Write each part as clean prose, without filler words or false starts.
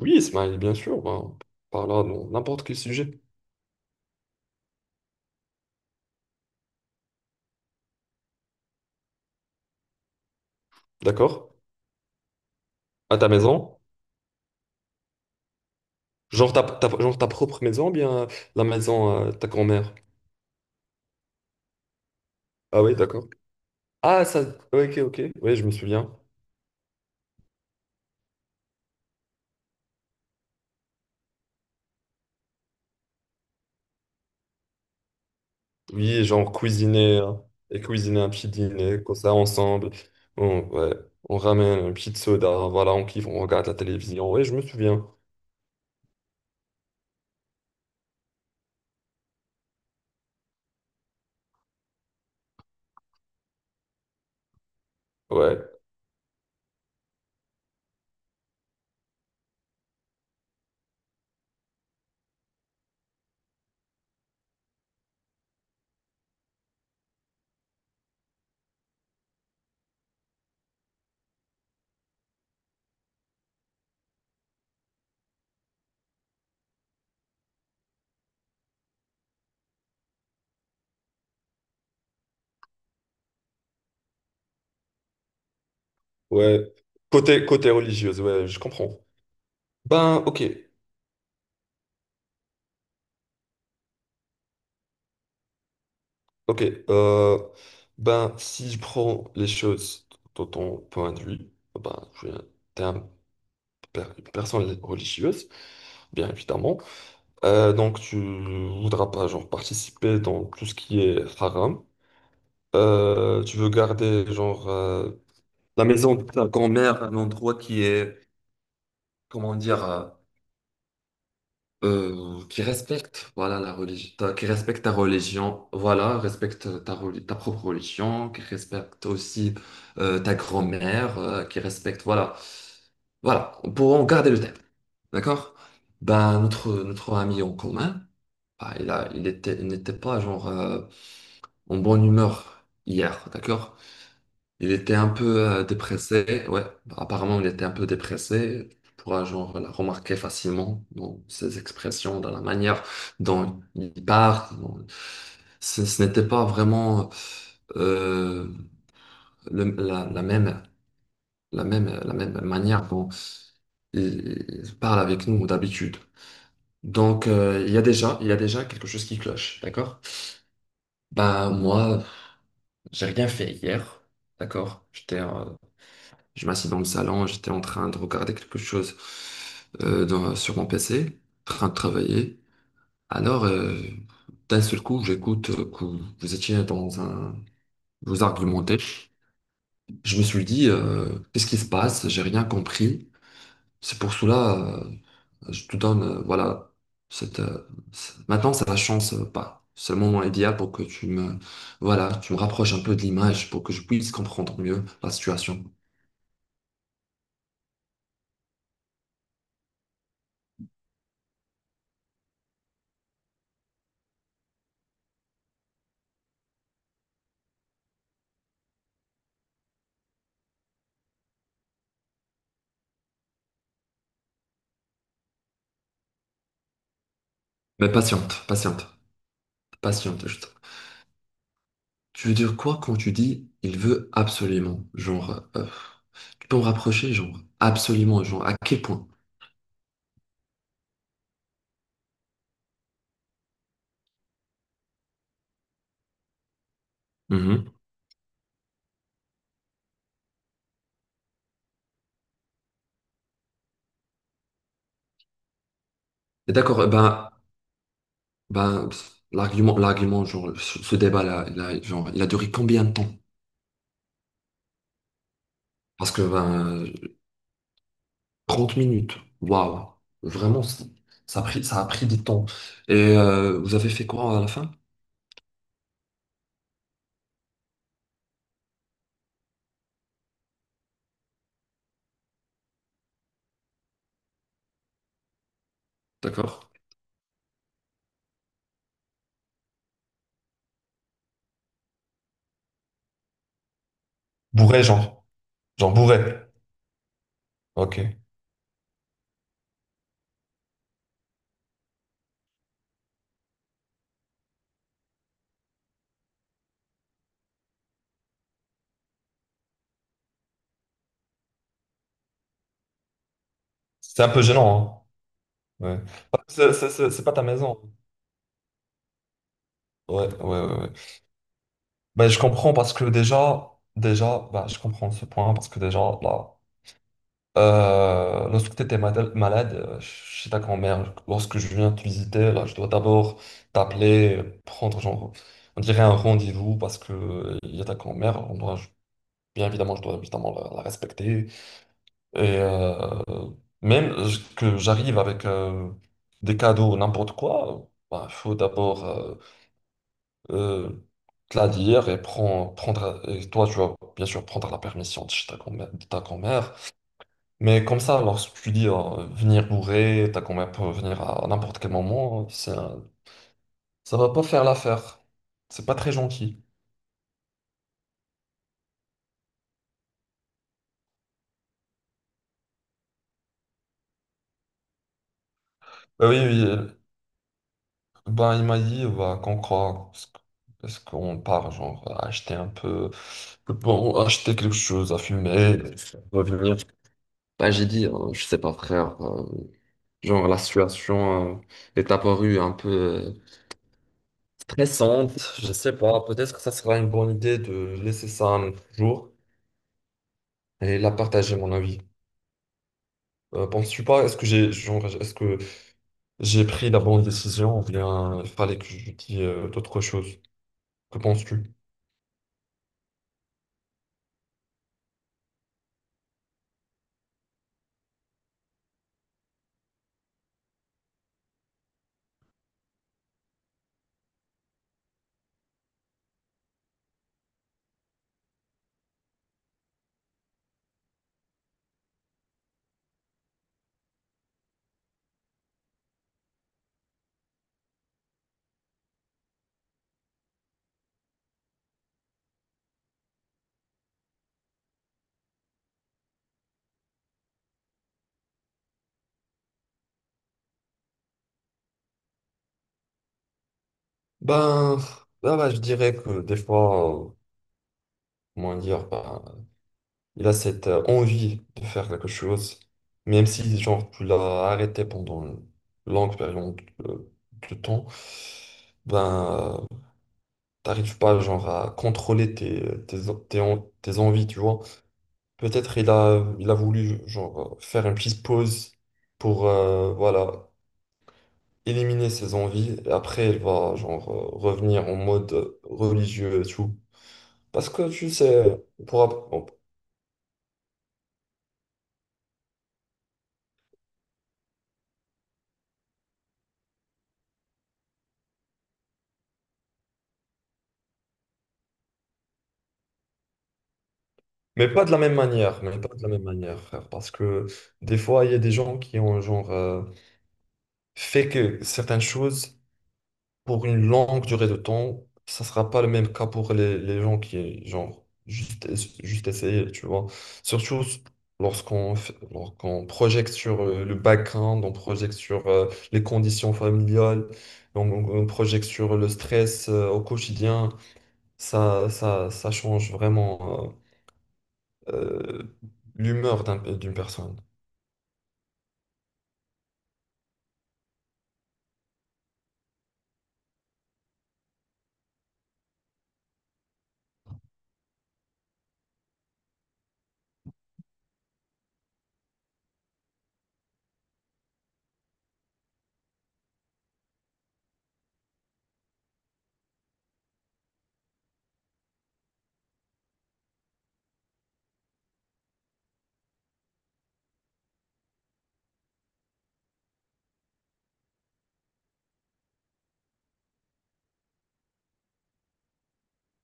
Oui, Ismaël, bien sûr, ben, on parlera de n'importe quel sujet. D'accord? À ta maison? Genre genre ta propre maison, ou bien la maison ta grand-mère. Ah oui, d'accord. Ah, ça, ouais. Ok, ok. Oui, je me souviens. Oui, genre cuisiner un petit dîner, comme ça, ensemble. Ouais, on ramène un petit soda, voilà, on kiffe, on regarde la télévision. Oui, je me souviens. Ouais, ouais. Côté religieuse, ouais, je comprends. Ben, ok. Ok, euh, ben, si je prends les choses de ton point de vue, ben, es un- une personne religieuse, bien évidemment. Donc, tu voudras pas, genre, participer dans tout ce qui est haram. Tu veux garder, genre, la maison de ta grand-mère, un endroit qui est, comment dire, qui respecte, voilà, la religion, enfin, qui respecte ta religion, voilà, ta propre religion, qui respecte aussi ta grand-mère, qui respecte, voilà, voilà, pour en garder le thème, d'accord. Ben, notre ami en commun, bah, il a il était il n'était pas, genre, en bonne humeur hier, d'accord, il était un peu dépressé, ouais. Apparemment, il était un peu dépressé. Tu pourras, genre, la remarquer facilement dans ses expressions, dans la manière dont il parle. Ce, ce n'était pas vraiment euh, la même, la même, la même manière dont il parle avec nous d'habitude. Donc, il y a déjà, il y a déjà quelque chose qui cloche, d'accord? Ben, moi, j'ai rien fait hier, d'accord? J'étais je m'assis dans le salon, j'étais en train de regarder quelque chose sur mon PC, en train de travailler. Alors, d'un seul coup, j'écoute que vous étiez dans un... Vous argumentez. Je me suis dit, qu'est-ce qui se passe? J'ai rien compris. C'est pour cela, euh, je te donne, voilà, cette... euh, maintenant, c'est la chance, pas. C'est le moment idéal pour que tu me... Voilà, tu me rapproches un peu de l'image pour que je puisse comprendre mieux la situation. Mais patiente, juste. Tu veux dire quoi quand tu dis il veut absolument? Genre, tu peux me rapprocher, genre, absolument, genre, à quel point? Mhm. Et d'accord, pff, l'argument, genre, ce débat-là, il a duré combien de temps? Parce que, ben, 30 minutes, waouh, vraiment, ça a pris du temps. Et vous avez fait quoi à la fin? D'accord? Bourré, genre. Genre bourré. Ok. C'est un peu gênant, hein. Ouais. Ah, c'est pas ta maison. Ouais. Ben, je comprends, parce que ben, je comprends ce point parce que déjà, là, lorsque tu étais malade, chez ta grand-mère, lorsque je viens te visiter, là, je dois d'abord t'appeler, prendre, genre, on dirait un rendez-vous parce que il y a ta grand-mère, on doit, bien évidemment, je dois évidemment la respecter. Et même que j'arrive avec des cadeaux, n'importe quoi, il faut d'abord, euh, te la dire et prendre, et toi, tu vas bien sûr prendre la permission de chez ta grand-mère, de ta grand-mère. Mais comme ça, lorsque tu dis venir bourré, ta grand-mère peut venir à n'importe quel moment, ça va pas faire l'affaire. C'est pas très gentil. Oui, ben, il m'a dit bah, qu'on croit. Est-ce qu'on part, genre, à acheter un peu, bon, acheter quelque chose à fumer, revenir? Ben, j'ai dit, je sais pas, frère. Genre, la situation est apparue un peu stressante. Je sais pas, peut-être que ça sera une bonne idée de laisser ça un autre jour et la partager, mon avis. Penses-tu pas, est-ce que j'ai, genre, est-ce que j'ai pris la bonne décision ou bien il fallait que je dise d'autres choses? Que penses-tu? Ben, bah, je dirais que des fois, comment dire, ben, il a cette envie de faire quelque chose, même si genre tu l'as arrêté pendant une longue période euh, de temps, ben, t'arrives pas genre à contrôler tes envies, tu vois. Peut-être il a voulu genre faire une petite pause pour, voilà, éliminer ses envies et après il va, genre, revenir en mode religieux et tout. Parce que tu sais, on pourra, mais pas de la même manière, mais pas de la même manière, frère. Parce que des fois, il y a des gens qui ont genre fait que certaines choses pour une longue durée de temps, ça sera pas le même cas pour les gens qui, genre, juste essayer, tu vois. Surtout lorsqu'on projette sur le background, on projette sur les conditions familiales, on projette sur le stress au quotidien. Ça change vraiment euh, l'humeur d'une personne.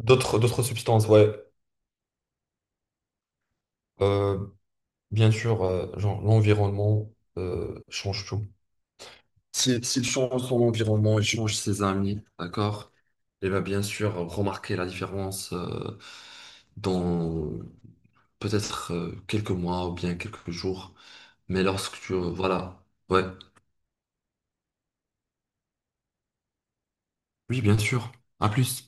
D'autres substances, ouais. Euh, bien sûr, genre, l'environnement change tout. S'il change son environnement, il change ses amis, d'accord? Il va bien sûr remarquer la différence dans peut-être quelques mois ou bien quelques jours. Mais lorsque tu... Voilà. Ouais. Oui, bien sûr. À plus.